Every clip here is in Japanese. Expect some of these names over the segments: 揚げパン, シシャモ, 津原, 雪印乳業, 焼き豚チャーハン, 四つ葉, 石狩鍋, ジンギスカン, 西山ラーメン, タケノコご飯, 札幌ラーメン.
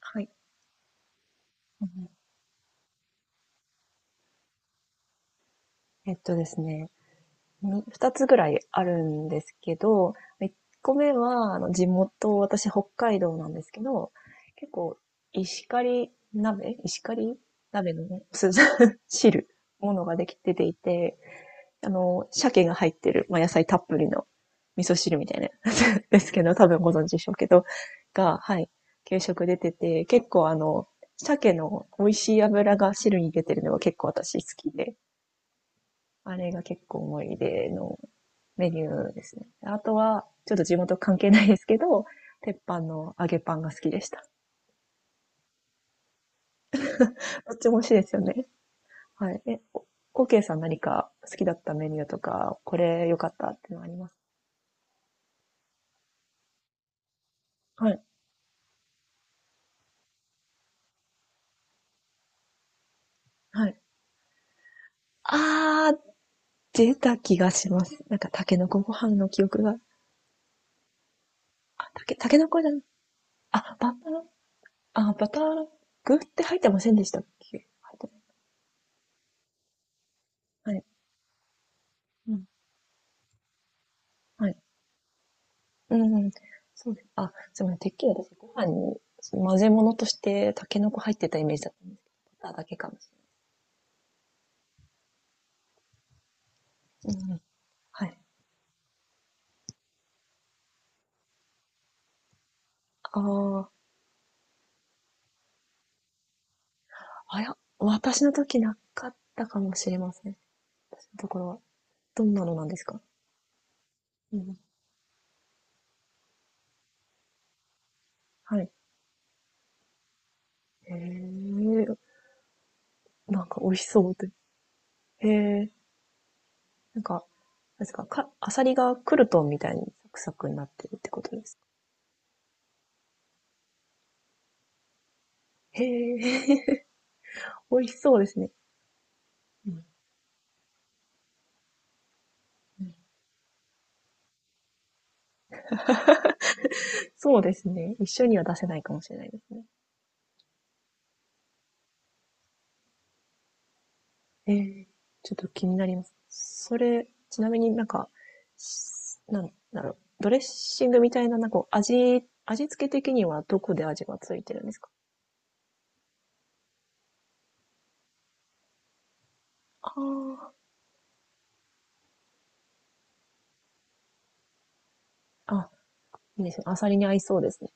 はい。うん、えっとですね、二つぐらいあるんですけど、一個目は、地元、私北海道なんですけど、結構、石狩鍋のね、汁、ものができていて、鮭が入ってる、まあ、野菜たっぷりの味噌汁みたいな、ですけど、多分ご存知でしょうけど、が、はい、給食出てて、結構鮭の美味しい油が汁に出てるのが結構私好きで、あれが結構思い出のメニューですね。あとは、ちょっと地元関係ないですけど、鉄板の揚げパンが好きでした。どっちも美味しいですよね。はい。オーケーさん、何か好きだったメニューとか、これ良かったっていうのあります？はい。はい。あー、出た気がします。なんか、タケノコご飯の記憶が。タケノコじゃない。あ、バター、バター、具って入ってませんでしたっけ？入ってない。はい。うん。はい。うんうん。そうです。あ、すみません。てっきり私、ご飯に、その混ぜ物として、タケノコ入ってたイメージだったんですけど、バターだけかもしれない。うんうん。はい。ああ、私の時なかったかもしれません。私のところは。どんなのなんですか？うん。はい。へえ、なんか美味しそうで。へえ、なんか、なんですか、か、アサリがクルトンみたいにサクサクになってるってことですか？へえ、美味しそうですね。うんうん。そうですね。一緒には出せないかもしれないですね。ええ、ちょっと気になります。それ、ちなみになんだろう、ドレッシングみたいな、味付け的にはどこで味がついてるんですか？ああ、ー、あ、いいですね。アサリに合いそうですね。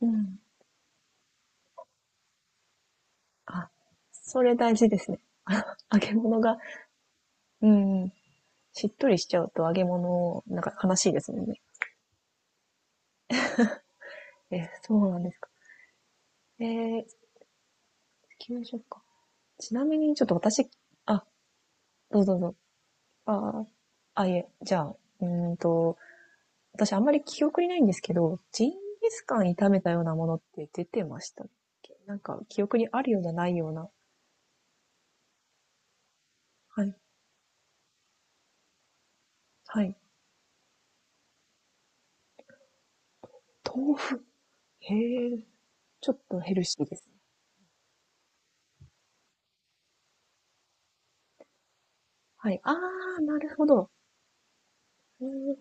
うん。あ、それ大事ですね。あ、揚げ物が、うん、しっとりしちゃうと揚げ物、なんか悲しいですもんね。え、そうなんですか。ええ、給食か。ちなみにちょっと私、あ、どうぞどうぞ。ああ、あ、いえ、じゃあ、うーんと、私あんまり記憶にないんですけど、ジンギスカン炒めたようなものって出てましたっけ？なんか記憶にあるようなないような。はい。はい。豆腐。へえ。ちょっとヘルシーですね。はい。あー、なるほど。うーん。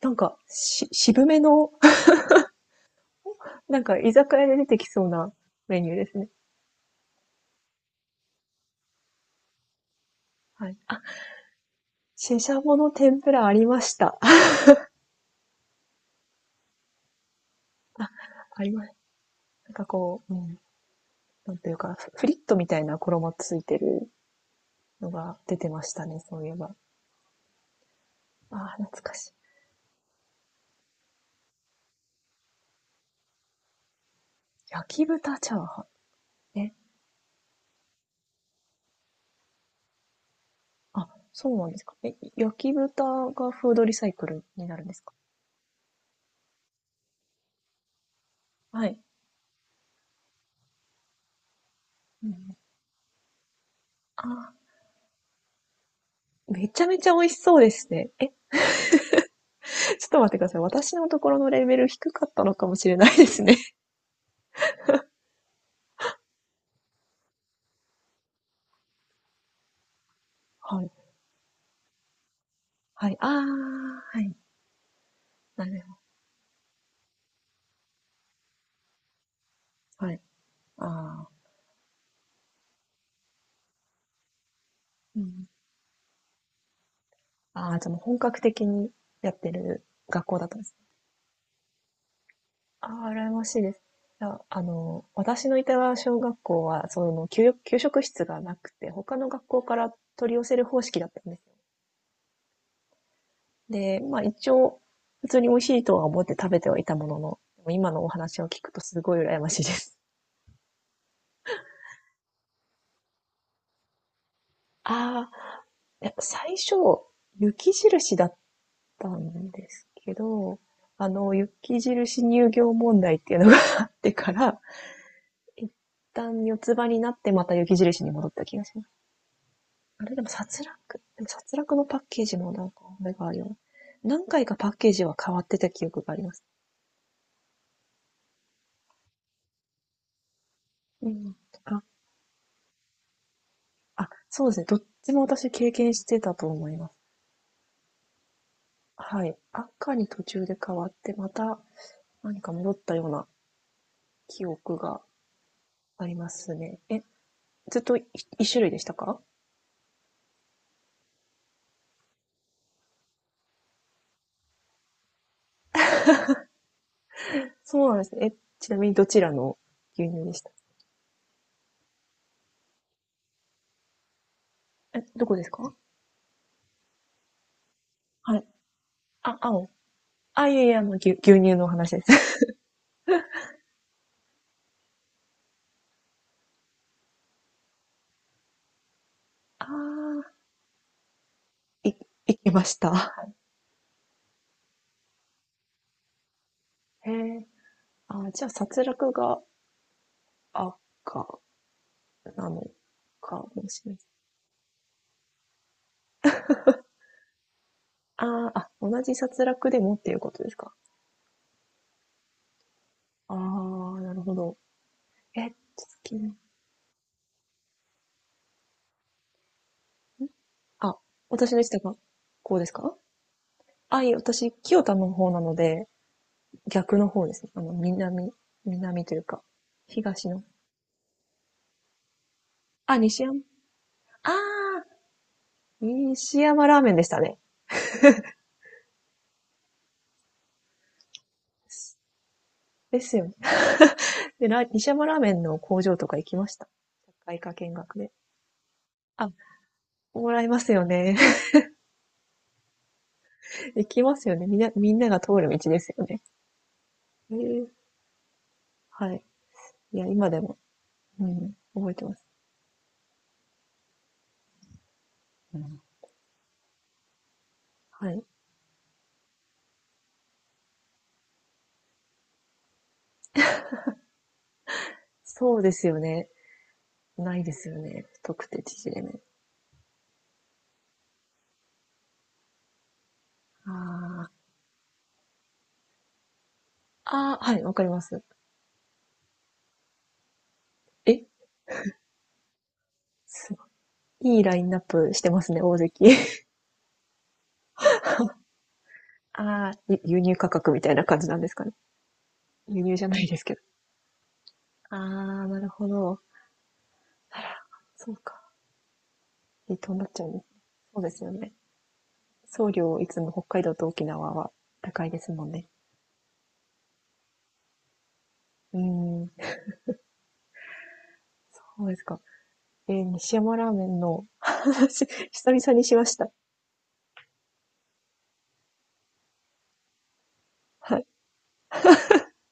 なんか、渋めの、なんか居酒屋で出てきそうなメニューですね。はい。あ、シシャモの天ぷらありました。ああります。なんかこう、うん。なんていうか、フフリットみたいな衣ついてるのが出てましたね、そういえば。ああ、懐かしい。焼き豚チャーハン。え、あ、そうなんですか。え、焼き豚がフードリサイクルになるんですか？はい。うん、あ、めちゃめちゃ美味しそうですね。え、ちょっと待ってください。私のところのレベル低かったのかもしれないですね。はい。はい。あー、はい。なるほど。はい。あー、うん。ああ、じゃあもう本格的にやってる学校だったんですね。ああ、羨ましいです。私のいた小学校は、その、給食室がなくて、他の学校から取り寄せる方式だったんですよ。で、まあ一応、普通に美味しいとは思って食べてはいたものの、でも今のお話を聞くとすごい羨ましいです。ああ、いや最初、雪印だったんですけど、あの、雪印乳業問題っていうのが あってから、一旦四つ葉になってまた雪印に戻った気がします。あれでも殺戮でも、殺戮のパッケージもなんか、あれがあるよね。何回かパッケージは変わってた記憶があります。うん。あ、あ、そうですね。どっちも私経験してたと思います。はい。赤に途中で変わって、また何か戻ったような記憶がありますね。え、ずっとい一種類でしたか？そうなんですね。え、ちなみにどちらの牛乳でした？え、どこですか？はい。あ、青。あ、いやいや、あの、牛乳の話です。ああ、い、いけました。へえ。あ、じゃあ、殺戮が赤なのかもしれない。あー、あ、同じ殺戮でもっていうことですか。ああ、なるほど。え、好きな。あ、私の位置がこうですか？あ、いえ、私、清田の方なので、逆の方ですね。あの、南というか、東の。あ、西山。ああ、西山ラーメンでしたね。ですよね。で、西山ラーメンの工場とか行きました。社会科見学で。あ、もらいますよね。行きますよね。みんな、みんなが通る道ですよね。えー、はい。いや、今でも、うん、覚えてます。うん、はい。そうですよね。ないですよね。太くて縮れ麺。あ、ああ、はい、わかります。え、すごい。いいラインナップしてますね、大関。ああ、輸入価格みたいな感じなんですかね。輸入じゃないですけど。ああ、なるほど。あら、そうか。離島になっちゃうんですね。そうですよね。送料いつも北海道と沖縄は高いですもんね。うーん。そうですか。えー、西山ラーメンの話、久々にしました。はい。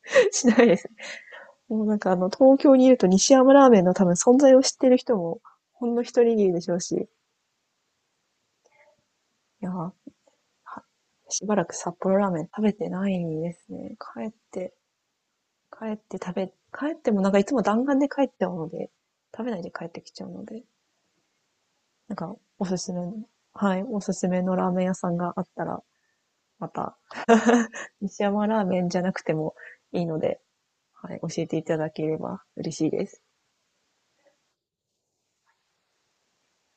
しないです。もうなんかあの、東京にいると西山ラーメンの多分存在を知ってる人も、ほんの一握りでしょうし、いやー、はしばらく札幌ラーメン食べてないですね。帰って食べ、帰ってもなんかいつも弾丸で帰っちゃうので、食べないで帰ってきちゃうので、なんかおすすめの、はい、おすすめのラーメン屋さんがあったら、また、西山ラーメンじゃなくてもいいので、はい、教えていただければ嬉しいです。